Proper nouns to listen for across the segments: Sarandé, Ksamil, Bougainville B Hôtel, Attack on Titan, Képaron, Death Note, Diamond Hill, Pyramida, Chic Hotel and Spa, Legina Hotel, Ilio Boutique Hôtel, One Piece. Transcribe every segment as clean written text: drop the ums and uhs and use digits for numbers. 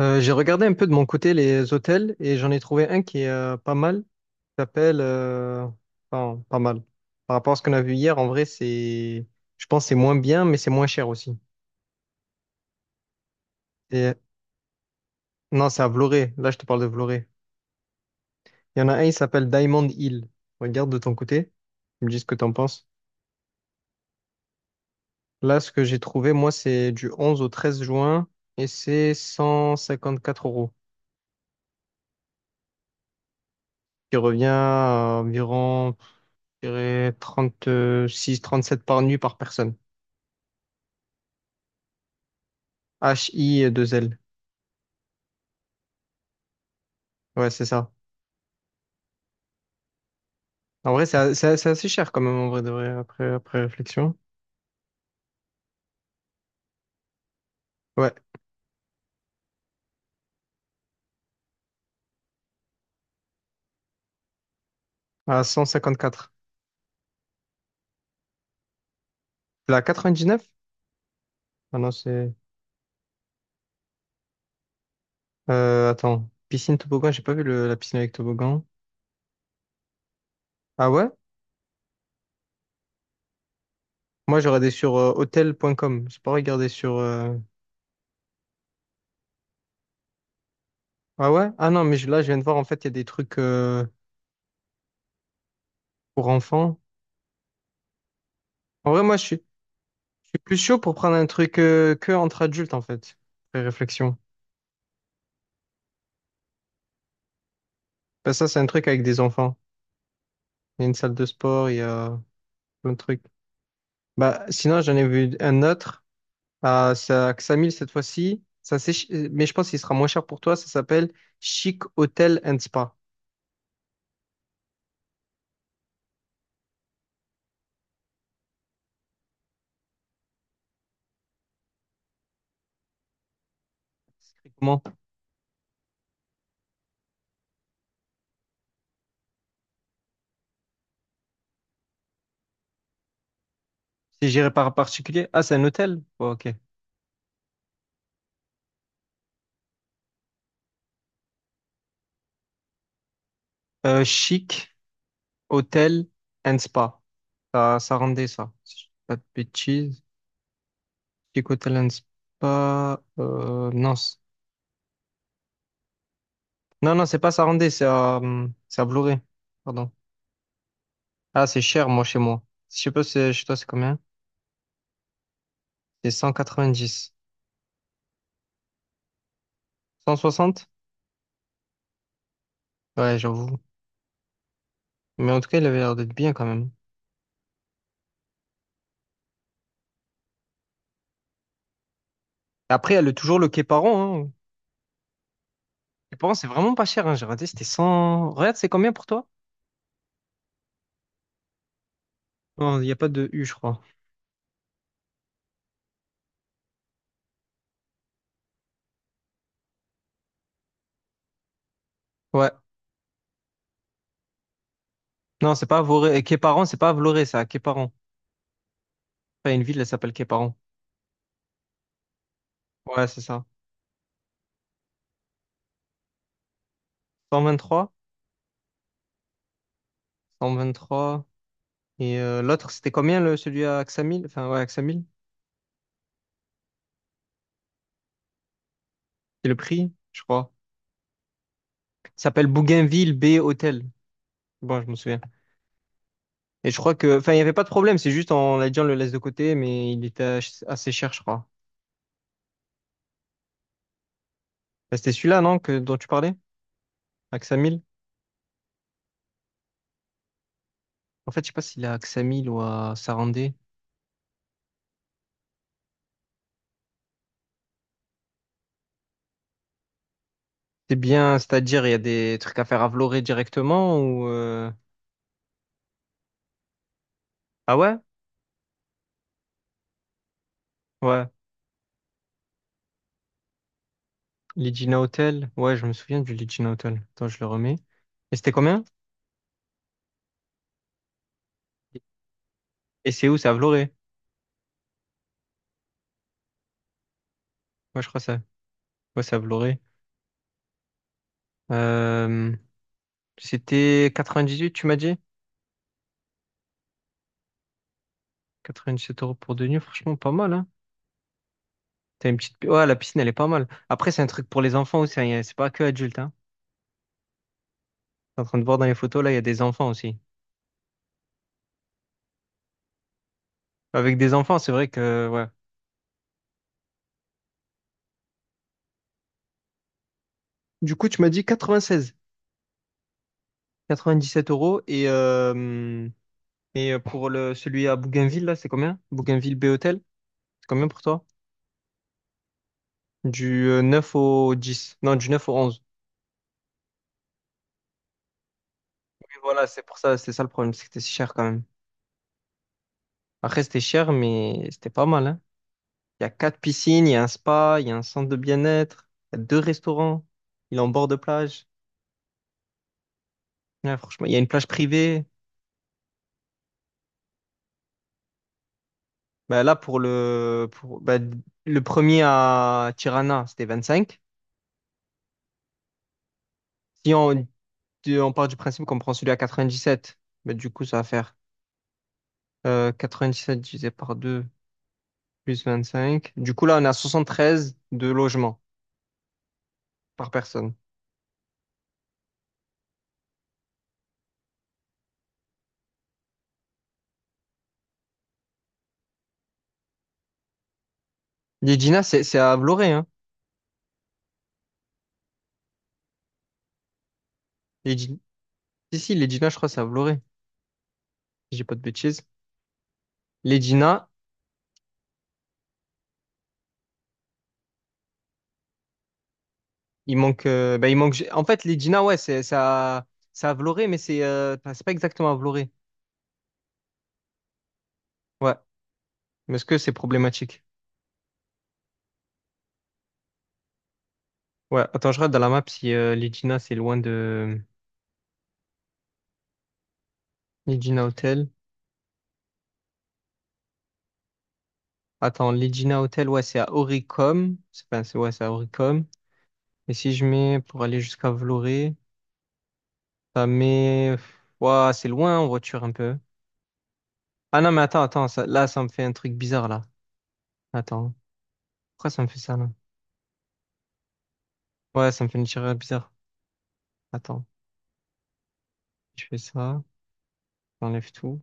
J'ai regardé un peu de mon côté les hôtels, et j'en ai trouvé un qui est pas mal, qui s'appelle enfin, pas mal. Par rapport à ce qu'on a vu hier, en vrai, c'est. Je pense que c'est moins bien, mais c'est moins cher aussi. Et. Non, c'est à Vloré. Là, je te parle de Vloré. Il y en a un, il s'appelle Diamond Hill. Regarde de ton côté. Tu me dis ce que t'en penses. Là, ce que j'ai trouvé, moi, c'est du 11 au 13 juin, et c'est 154 euros. Qui revient à environ, je dirais, 36-37 par nuit par personne. H-I-2-L. Ouais, c'est ça. En vrai, c'est assez cher quand même, en vrai, de vrai, après réflexion. Ouais, à 154. La 89? Ah non, c'est. Attends, piscine toboggan, j'ai pas vu la piscine avec toboggan. Ah ouais? Moi, j'ai regardé sur hotel.com. J'ai pas regardé sur. Ah ouais? Ah non, mais là, je viens de voir, en fait, il y a des trucs pour enfants. En vrai, moi, je suis plus chaud pour prendre un truc que entre adultes, en fait, après réflexion. Parce que ça, c'est un truc avec des enfants. Il y a une salle de sport, il y a plein de trucs. Bah, sinon, j'en ai vu un autre c'est à Xamil cette fois-ci. Ça, mais je pense qu'il sera moins cher pour toi. Ça s'appelle Chic Hotel and Spa. Comment? C'est géré par un particulier? Ah, c'est un hôtel? Bon, ok. Chic Hotel and Spa. Ça rendait ça. Si je dis pas de bêtises. Chic Hotel and Spa. Non, non, non, c'est pas ça rendait. C'est à Vloré. Pardon. Ah, c'est cher, moi, chez moi. Je sais pas, chez toi, c'est combien? C'est 190. 160? Ouais, j'avoue. Mais en tout cas, il avait l'air d'être bien quand même. Après, elle a toujours le Képaron, hein. Képaron, c'est vraiment pas cher, hein. J'ai regardé, c'était 100. Regarde, c'est combien pour toi? Non, il n'y a pas de U, je crois. Ouais. Non, c'est pas Voré. Képaron, c'est pas Vloré, ça. Képaron. Enfin, une ville, elle s'appelle Képaron. Ouais, c'est ça. 123. 123. Et l'autre, c'était combien, celui à Axamil? Enfin, ouais, Axamil. C'est le prix, je crois. Il s'appelle Bougainville B Hôtel. Bon, je me souviens. Et je crois que, enfin, il n'y avait pas de problème, c'est juste on le laisse de côté, mais il était assez cher, je crois. Bah, c'était celui-là, non, dont tu parlais? À Ksamil? En fait, je sais pas s'il est à Ksamil ou à Sarandé. C'est bien, c'est-à-dire, il y a des trucs à faire à Vlorë directement ou. Ah ouais? Ouais. Legina Hotel. Ouais, je me souviens du Legina Hotel. Attends, je le remets. Et c'était combien? Et c'est où? C'est à Vloré. Ouais, je crois ça. Ouais, c'est à Vloré. Euh, C'était 98, tu m'as dit? 97 € pour 2 nuits, franchement, pas mal, hein? T'as une petite. Ouais, la piscine, elle est pas mal. Après, c'est un truc pour les enfants aussi, hein. C'est pas que adulte, hein. T'es en train de voir dans les photos, là, il y a des enfants aussi. Avec des enfants, c'est vrai que. Ouais. Du coup, tu m'as dit 96, 97 euros. Pour celui à Bougainville, là, c'est combien? Bougainville B-Hôtel, c'est combien pour toi? Du 9 au 10. Non, du 9 au 11. Oui, voilà, c'est pour ça, c'est ça le problème, c'est que c'était si cher quand même. Après, c'était cher, mais c'était pas mal, hein. Il y a quatre piscines, il y a un spa, il y a un centre de bien-être, il y a deux restaurants, il est en bord de plage. Ouais, franchement, il y a une plage privée. Bah, là, pour le premier à Tirana, c'était 25. Si on, du- On part du principe qu'on prend celui à 97. Bah, du coup, ça va faire euh, 7 divisé par 2 plus 25. Du coup, là, on a 13 de logements par personne. L'Edina, c'est à Vloré. Hein. L'Edina- Si, si, l'Edina, je crois, c'est à Vloré, si j'ai pas de bêtises. L'Edina, il manque. En fait, l'Edina, ouais, c'est à Vloré, mais c'est enfin, c'est pas exactement à Vloré. Ouais. Mais est-ce que c'est problématique? Ouais, attends, je regarde dans la map si Legina, c'est loin de Legina Hotel. Attends, Legina Hotel, ouais, c'est à Oricom. C'est pas, c'est, Ouais, c'est à Oricom. Et si je mets pour aller jusqu'à Vloré, ça met. Ouais, c'est loin en voiture un peu. Ah non, mais attends, là, ça me fait un truc bizarre, là. Attends. Pourquoi ça me fait ça, là? Ouais, ça me fait une tireur bizarre. Attends, je fais ça, j'enlève tout.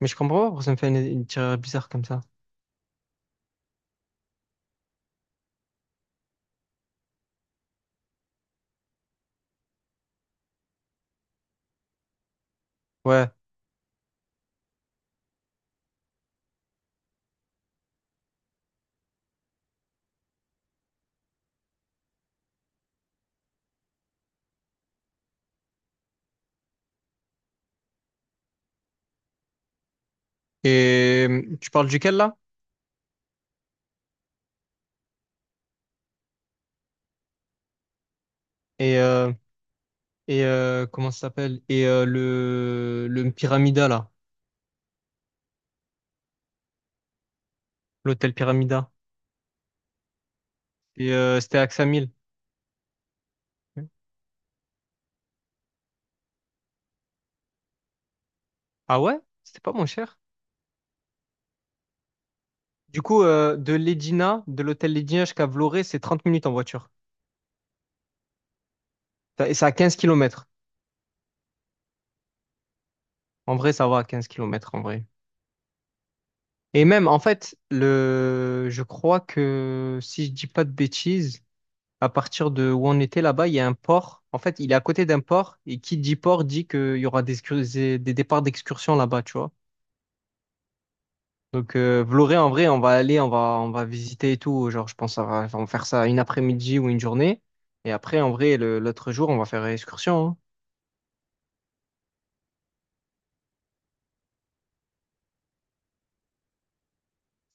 Mais je comprends pas pourquoi ça me fait une tireur bizarre comme ça. Ouais. Et tu parles duquel, là? Et euh, Comment ça s'appelle? Et le Pyramida, là. L'hôtel Pyramida. Et c'était à Axamil. Ah ouais? C'était pas moins cher. Du coup, de l'hôtel Legina jusqu'à Vloré, c'est 30 minutes en voiture. Et c'est à 15 km. En vrai, ça va à 15 km, en vrai. Et même, en fait, je crois que, si je dis pas de bêtises, à partir de où on était là-bas, il y a un port. En fait, il est à côté d'un port. Et qui dit port dit qu'il y aura des, excurs- des départs d'excursion là-bas, tu vois. Donc Vloré, en vrai, on va aller, on va visiter et tout. Genre, je pense qu'on va faire ça une après-midi ou une journée. Et après, en vrai, l'autre jour, on va faire excursion. Hein.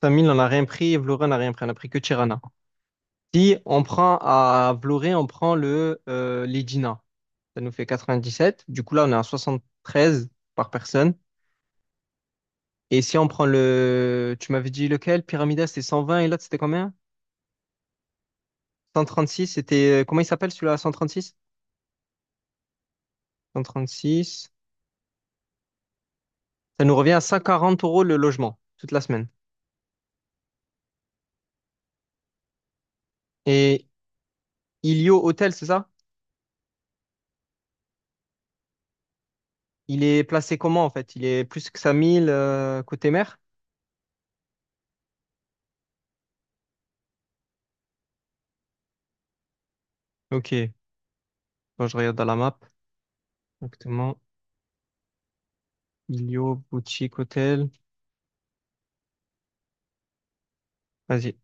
Samil, on n'a rien pris, Vloré, on n'a rien pris, on n'a pris que Tirana. Si on prend à Vloré, on prend le l'Edina. Ça nous fait 97. Du coup, là, on est à 73 par personne. Et si on prend tu m'avais dit lequel? Pyramida, c'était 120, et l'autre, c'était combien? 136, comment il s'appelle celui-là, 136? 136. Ça nous revient à 140 € le logement, toute la semaine. Et Ilio Hôtel, c'est ça? Il est placé comment en fait? Il est plus que 5000 côté mer? Ok, bon, je regarde dans la map. Exactement. Ilio Boutique Hôtel. Vas-y.